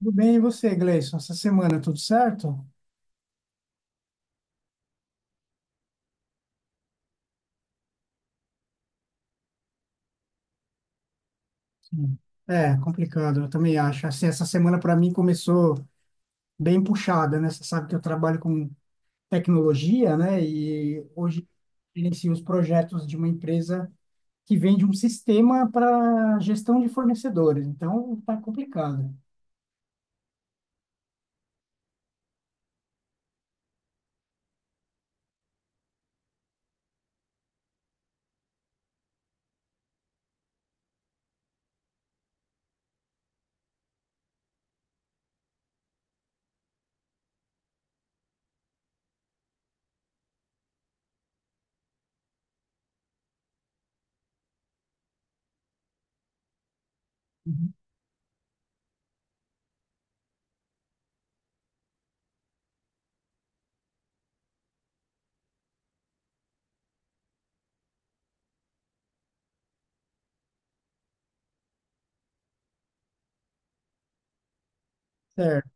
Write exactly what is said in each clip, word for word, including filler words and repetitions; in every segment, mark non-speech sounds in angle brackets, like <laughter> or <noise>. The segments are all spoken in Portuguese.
Tudo bem, e você, Gleison? Essa semana tudo certo? Sim. É, complicado, eu também acho. Assim, essa semana para mim começou bem puxada, né? Você sabe que eu trabalho com tecnologia, né? E hoje eu gerencio os projetos de uma empresa que vende um sistema para gestão de fornecedores. Então, tá complicado. Uhum. Certo.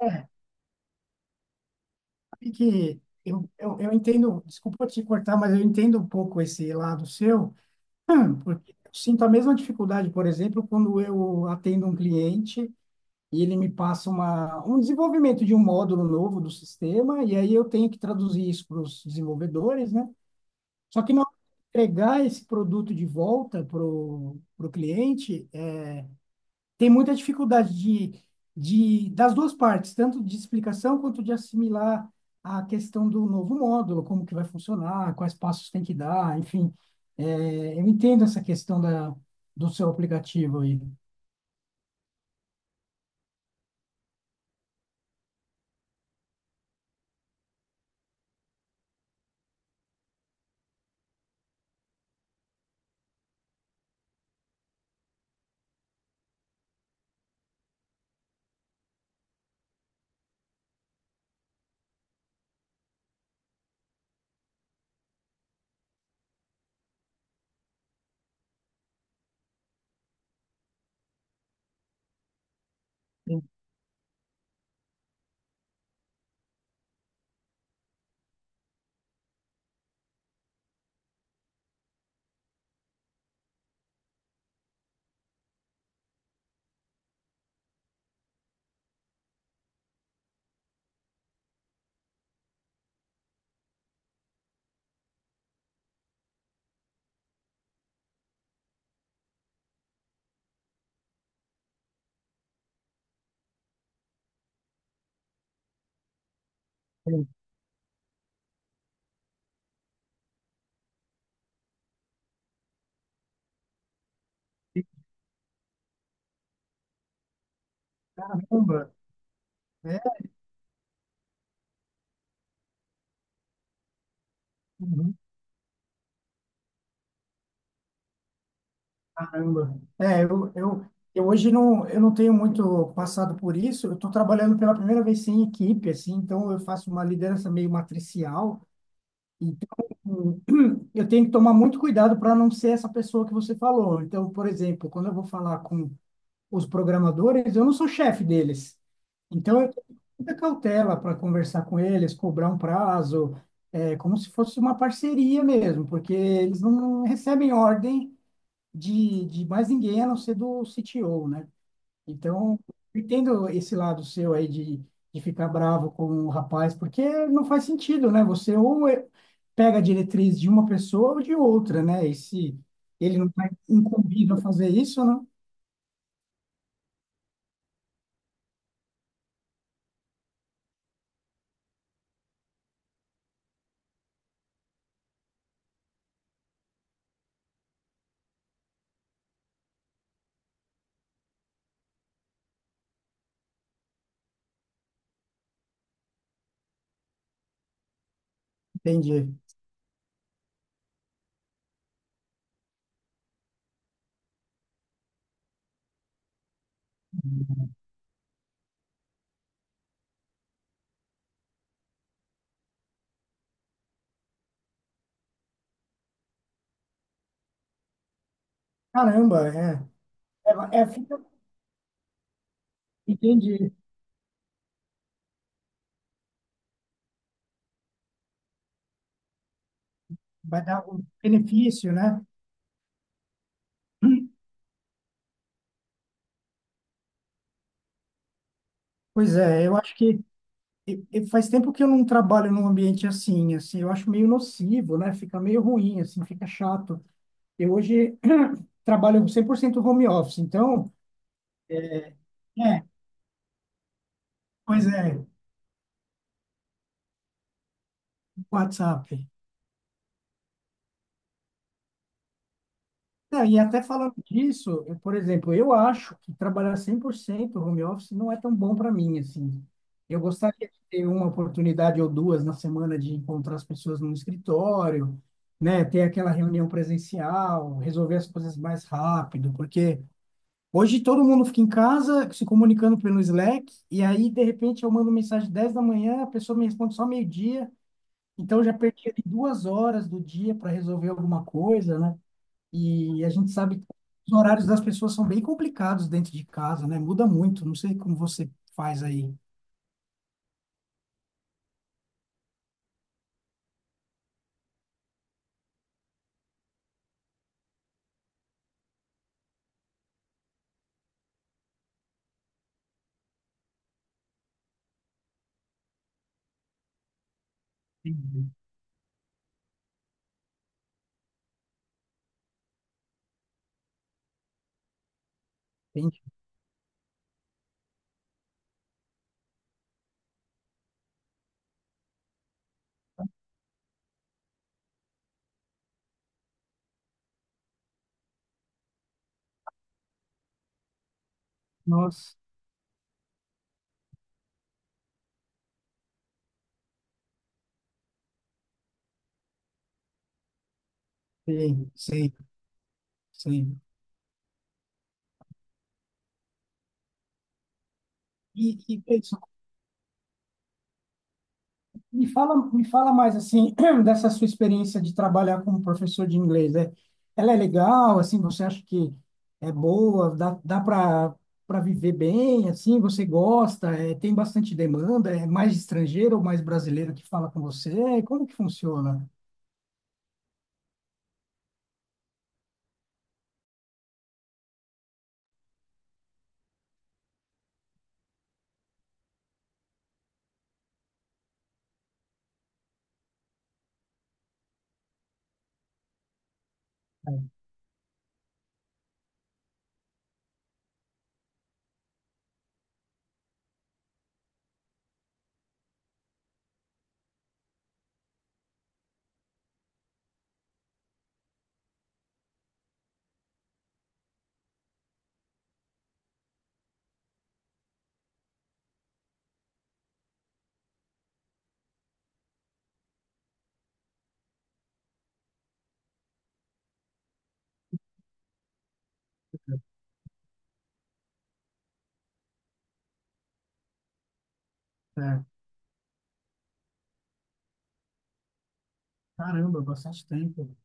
É, sabe que eu, eu, eu entendo, desculpa te cortar, mas eu entendo um pouco esse lado seu. Porque eu sinto a mesma dificuldade, por exemplo, quando eu atendo um cliente e ele me passa uma, um desenvolvimento de um módulo novo do sistema, e aí eu tenho que traduzir isso para os desenvolvedores, né? Só que na hora de entregar esse produto de volta para o cliente, tem muita dificuldade de, de das duas partes, tanto de explicação quanto de assimilar a questão do novo módulo, como que vai funcionar, quais passos tem que dar, enfim. É, eu entendo essa questão da, do seu aplicativo aí. Entendo. Caramba, é, uhum, caramba. É, eu, eu, eu hoje não, eu não tenho muito passado por isso. Eu estou trabalhando pela primeira vez sem equipe, assim, então eu faço uma liderança meio matricial. Então, eu tenho que tomar muito cuidado para não ser essa pessoa que você falou. Então, por exemplo, quando eu vou falar com os programadores, eu não sou chefe deles. Então, eu tenho muita cautela para conversar com eles, cobrar um prazo, é, como se fosse uma parceria mesmo, porque eles não recebem ordem de, de mais ninguém a não ser do C T O, né? Então, eu entendo esse lado seu aí de, de ficar bravo com o rapaz, porque não faz sentido, né? Você ou é- pega a diretriz de uma pessoa ou de outra, né? E se ele não está incumbido a fazer isso, não? Entendi. Caramba, é. É, é, fica- entendi. Vai dar um benefício, né? Hum. Pois é, eu acho que e- e faz tempo que eu não trabalho num ambiente assim, assim, eu acho meio nocivo, né? Fica meio ruim, assim, fica chato. Eu hoje <clears throat> trabalho cem por cento home office, então, é, pois é, WhatsApp. Não, e até falando disso, eu, por exemplo, eu acho que trabalhar cem por cento home office não é tão bom para mim, assim. Eu gostaria de ter uma oportunidade ou duas na semana de encontrar as pessoas no escritório, né, ter aquela reunião presencial, resolver as coisas mais rápido, porque hoje todo mundo fica em casa se comunicando pelo Slack, e aí, de repente, eu mando mensagem dez da manhã, a pessoa me responde só meio-dia. Então, eu já perdi ali duas horas do dia para resolver alguma coisa, né? E a gente sabe que os horários das pessoas são bem complicados dentro de casa, né? Muda muito. Não sei como você faz aí. Entendi. Entende? Nossa, sei, sei, sei. E, e me fala, me fala mais assim <clears throat> dessa sua experiência de trabalhar como professor de inglês. É, ela é legal, assim, você acha que é boa, dá, dá para para viver bem, assim, você gosta, é, tem bastante demanda, é mais estrangeiro ou mais brasileiro que fala com você? Como que funciona? É, é, caramba, bastante tempo.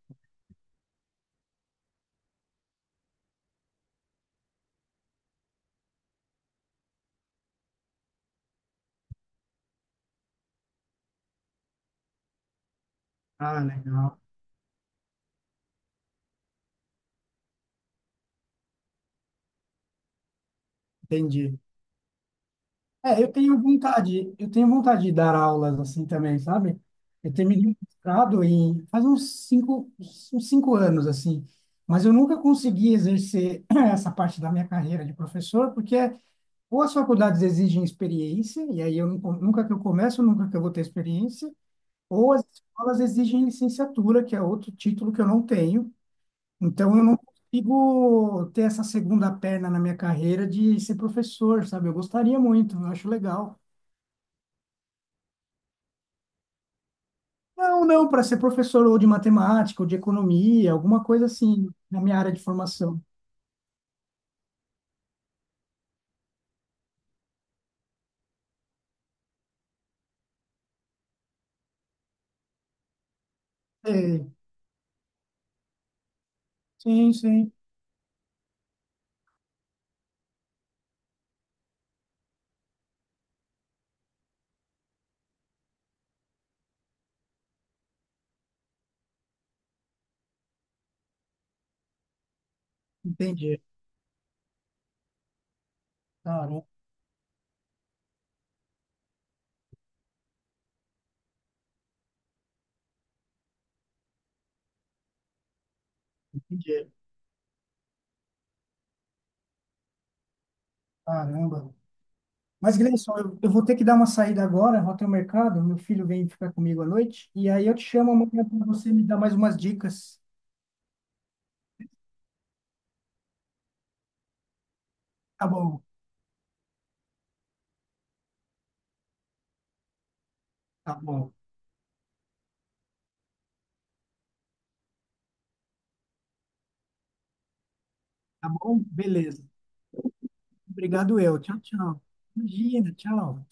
Ah, legal. Entendi. É, eu tenho vontade, eu tenho vontade de dar aulas assim também, sabe? Eu tenho me limitado em faz uns cinco, uns cinco anos assim, mas eu nunca consegui exercer <clears throat> essa parte da minha carreira de professor, porque ou as faculdades exigem experiência, e aí eu não, co- nunca que eu começo, nunca que eu vou ter experiência, ou as escolas exigem licenciatura, que é outro título que eu não tenho, então eu não consigo ter essa segunda perna na minha carreira de ser professor, sabe? Eu gostaria muito, eu acho legal. Não, não, para ser professor ou de matemática ou de economia, alguma coisa assim, na minha área de formação. Sei. Sim, sim, entendi. Caramba, entendi. Caramba. Mas, Gleison, eu, eu vou ter que dar uma saída agora, vou até o mercado, meu filho vem ficar comigo à noite, e aí eu te chamo amanhã para você me dar mais umas dicas. Tá bom, tá bom, tá bom? Beleza. Obrigado eu. Tchau, tchau. Imagina, tchau.